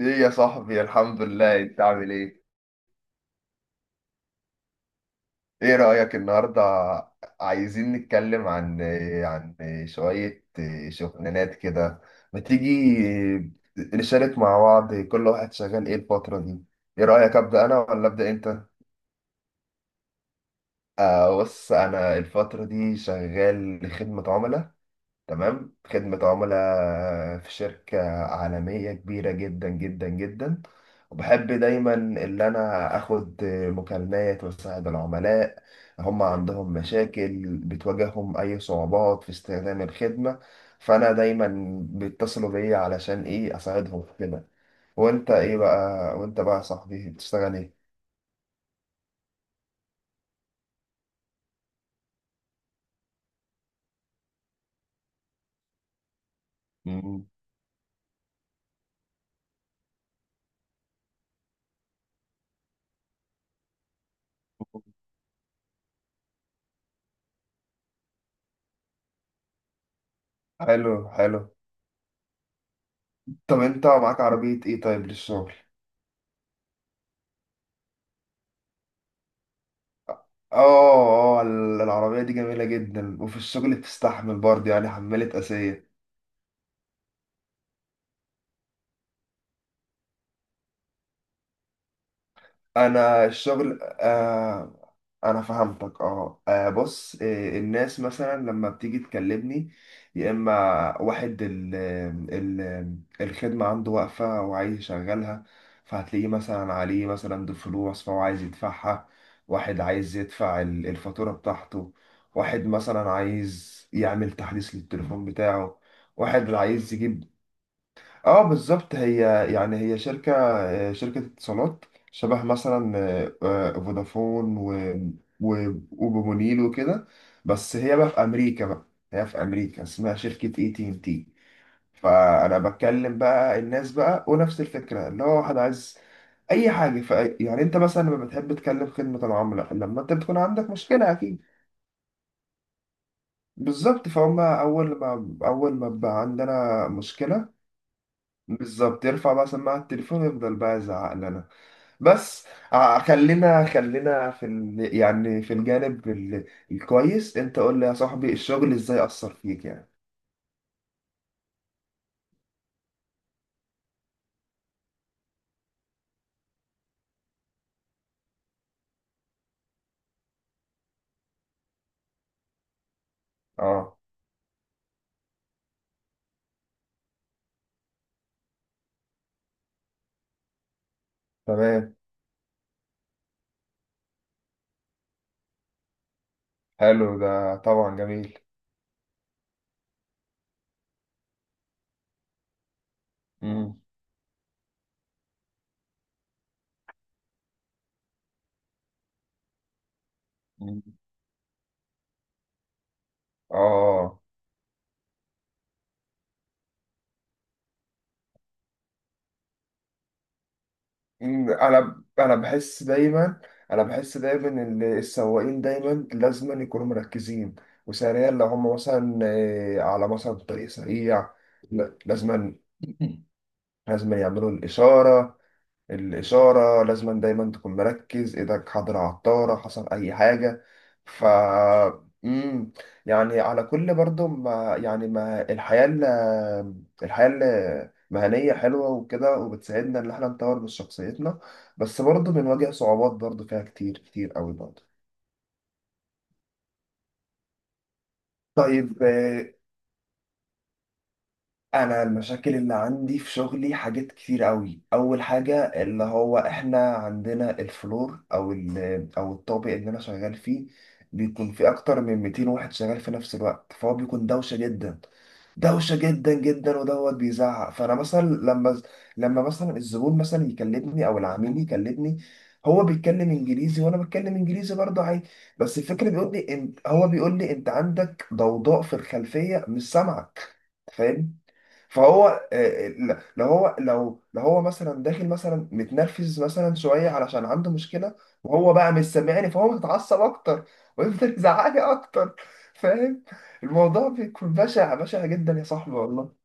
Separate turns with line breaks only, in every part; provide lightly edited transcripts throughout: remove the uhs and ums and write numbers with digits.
ايه يا صاحبي؟ الحمد لله. انت عامل ايه؟ ايه رأيك النهارده؟ عايزين نتكلم عن عن شوية شغلانات كده. ما تيجي نشارك مع بعض؟ كل واحد شغال ايه الفترة دي؟ ايه رأيك، أبدأ انا ولا أبدأ انت؟ آه، بص، انا الفترة دي شغال خدمة عملاء. تمام، خدمة عملاء في شركة عالمية كبيرة جدا جدا جدا. وبحب دايما اللي أنا أخد مكالمات وأساعد العملاء. هم عندهم مشاكل، بتواجههم أي صعوبات في استخدام الخدمة. فأنا دايما بيتصلوا بيا علشان إيه، أساعدهم في كده. وأنت إيه بقى؟ وأنت بقى يا صاحبي بتشتغل إيه؟ مم. حلو حلو. طب أنت معاك عربية إيه طيب للشغل؟ اه اه. العربية دي جميلة جدا، وفي الشغل بتستحمل برضه، يعني حمالة اساس. انا الشغل انا فهمتك. بص، الناس مثلا لما بتيجي تكلمني، يا اما واحد ال الخدمه عنده واقفه وعايز يشغلها، فهتلاقيه مثلا عليه مثلا دي فلوس فهو عايز يدفعها. واحد عايز يدفع الفاتوره بتاعته. واحد مثلا عايز يعمل تحديث للتليفون بتاعه. واحد عايز يجيب. اه بالظبط، هي يعني هي شركة، شركة اتصالات، شبه مثلا فودافون و وبمونيل وكده، بس هي بقى في أمريكا بقى. هي في أمريكا، اسمها شركة اي تي ان تي. فأنا بتكلم بقى الناس بقى، ونفس الفكرة اللي هو واحد عايز أي حاجة يعني أنت مثلا لما بتحب تكلم خدمة العملاء لما أنت بتكون عندك مشكلة أكيد. بالظبط، فهم أول ما، بقى عندنا مشكلة، بالظبط، يرفع بقى سماعة التليفون، يفضل بقى يزعق لنا. بس خلينا، في يعني في الجانب الكويس. انت قول لي يا صاحبي الشغل ازاي أثر فيك يعني. اه. تمام. حلو ده طبعا جميل. مم. مم. اه. مم. انا انا بحس دايما، انا بحس دايما ان السواقين دايما لازم يكونوا مركزين وسريع. لو هم مثلا على مثلا طريق سريع، لا، لازم، لازم يعملوا الإشارة. الإشارة لازم. دايما تكون مركز، إيدك حاضرة على الطارة، حصل أي حاجة. ف مم. يعني على كل برضو، ما يعني، ما الحياة الحياة المهنية حلوة وكده، وبتساعدنا إن إحنا نطور من شخصيتنا. بس برضو بنواجه صعوبات برضو فيها كتير كتير أوي برضو. طيب انا المشاكل اللي عندي في شغلي حاجات كتير قوي. اول حاجه، اللي هو احنا عندنا الفلور، او او الطابق اللي انا شغال فيه، بيكون في اكتر من 200 واحد شغال في نفس الوقت، فهو بيكون دوشه جدا. دوشه جدا جدا، ودوت بيزعق. فانا مثلا لما، مثلا الزبون مثلا يكلمني او العميل يكلمني، هو بيتكلم انجليزي وانا بتكلم انجليزي برضه عادي، بس الفكره بيقول لي، هو بيقول لي انت عندك ضوضاء في الخلفيه، مش سامعك. فاهم؟ فهو لو هو، لو هو مثلا داخل مثلا متنرفز مثلا شويه علشان عنده مشكله، وهو بقى مش سامعني، فهو متعصب اكتر ويفضل يزعلي اكتر. فاهم؟ الموضوع بيكون بشع بشع جدا يا صاحبي والله.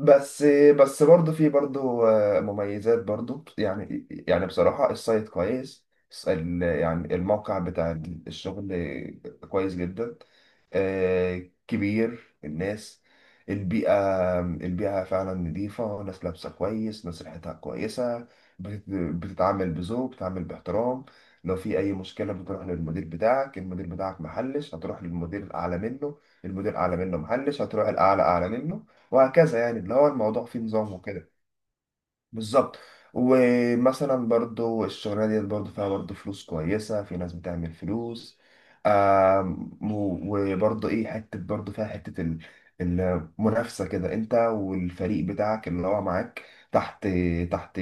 بس، برضه في برضه مميزات برضه. يعني بصراحة السايت كويس. يعني الموقع بتاع الشغل كويس جدا. آه، كبير. الناس، البيئة، فعلا نظيفة. ناس لابسة كويس، ناس ريحتها كويسة. بتتعامل بذوق، بتتعامل باحترام. لو في أي مشكلة بتروح للمدير بتاعك، المدير بتاعك محلش، هتروح للمدير الأعلى منه، المدير الأعلى منه محلش، هتروح الأعلى أعلى منه، وهكذا. يعني اللي هو الموضوع فيه نظام وكده. بالظبط. ومثلا برضو الشغلانة ديت برضو فيها برضو فلوس كويسة، في ناس بتعمل فلوس. وبرضو ايه، حتة برضو فيها حتة المنافسة كده، انت والفريق بتاعك اللي هو معاك تحت تحت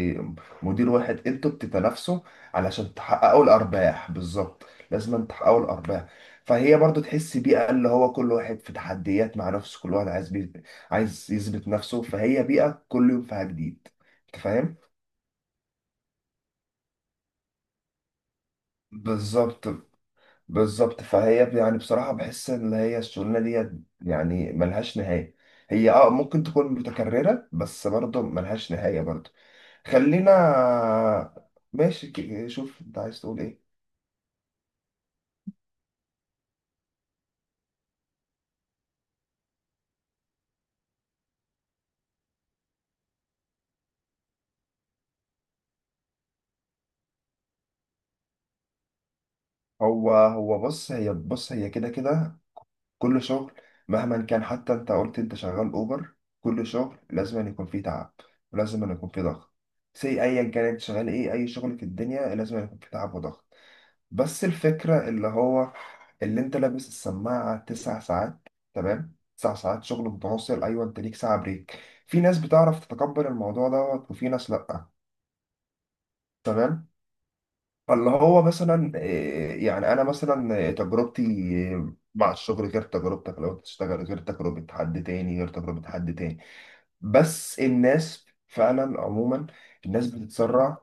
مدير واحد، انتوا بتتنافسوا علشان تحققوا الأرباح. بالظبط، لازم تحققوا الأرباح. فهي برضو تحس بيئة، اللي هو كل واحد في تحديات مع نفسه، كل واحد عايز يثبت نفسه، فهي بيئة كل يوم فيها جديد. انت فاهم؟ بالظبط. بالظبط. فهي يعني بصراحة بحس ان هي الشغلانة دي يعني ملهاش نهاية. هي ممكن تكون متكررة، بس برضه ملهاش نهاية برضه. خلينا، ماشي. شوف انت عايز تقول ايه. هو، بص، هي كده كده. كل شغل مهما كان، حتى انت قلت انت شغال اوبر، كل شغل لازم أن يكون فيه تعب، ولازم أن يكون فيه ضغط. سي، ايا كان انت شغال ايه، اي شغل في الدنيا لازم أن يكون فيه تعب وضغط. بس الفكرة اللي هو، اللي انت لابس السماعة تسع ساعات، تمام؟ تسع ساعات شغل متواصل، ايوه انت ليك ساعة بريك. في ناس بتعرف تتقبل الموضوع دوت، وفي ناس لأ. تمام. فاللي هو مثلا يعني انا مثلا تجربتي مع الشغل غير تجربتك لو انت تشتغل، غير تجربة حد تاني. بس الناس فعلا عموما، الناس بتتسرع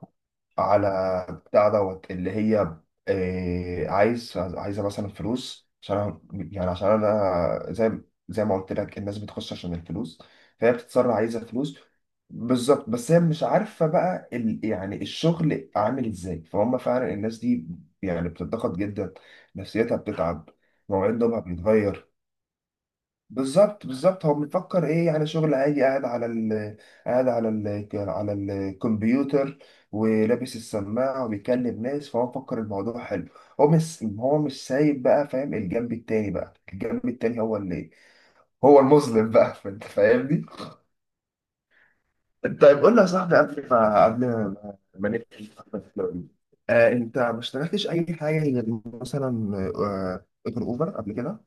على بتاع دوت اللي هي عايزه مثلا فلوس عشان يعني عشان انا زي ما قلت لك، الناس بتخش عشان الفلوس، فهي بتتصرف عايزه فلوس. بالظبط، بس هي مش عارفه بقى يعني الشغل عامل ازاي. فهم فعلا الناس دي يعني بتتضغط جدا، نفسيتها بتتعب، مواعيد نومها بيتغير. بالظبط. بالظبط. هو بيفكر ايه يعني، شغل عادي قاعد على قاعد على الكمبيوتر ولابس السماعة وبيكلم ناس، فهو مفكر الموضوع حلو. هو مش، سايب بقى. فاهم؟ الجنب التاني بقى، الجنب التاني هو اللي هو المظلم بقى. انت فاهمني؟ طيب قول لي يا صاحبي قبل ما، نقفل الحلقة دي، انت ما اشتغلتش اي حاجة غير مثلا، غير اوبر، قبل كده؟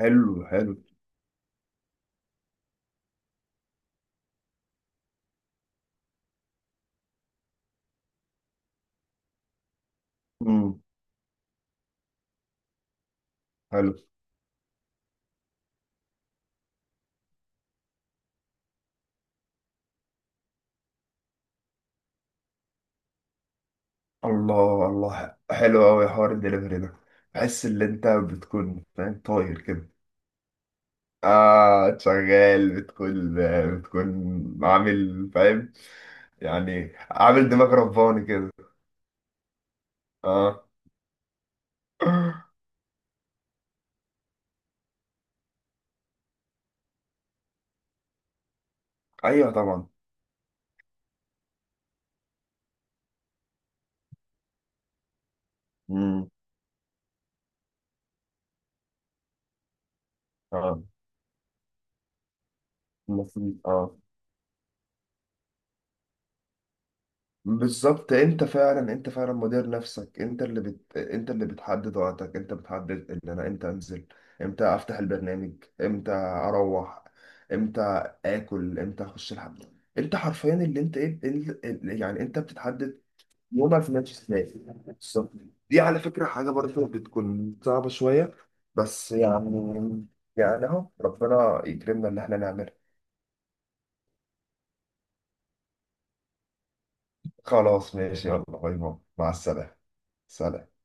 حلو حلو. امم. الله الله، حلو قوي حوار الدليفري ده. بحس ان انت بتكون فاهم طاير كده. اه شغال، بتكون، بتكون عامل، فاهم، يعني عامل دماغ رباني كده. اه. ايوه طبعا. امم. اه. المفروض. اه. بالظبط. انت فعلا مدير نفسك، انت اللي بتحدد وقتك، انت بتحدد ان انا امتى انزل، امتى افتح البرنامج، امتى اروح، امتى اكل، امتى اخش الحمام. انت حرفيا اللي انت ايه، يعني انت بتتحدد، يومك ماشي ازاي. بالظبط. دي على فكرة حاجة برضه بتكون صعبة شوية، بس يعني، يعني اهو ربنا يكرمنا اللي احنا نعمله. خلاص ماشي، يلا، باي باي، مع السلامة. سلام.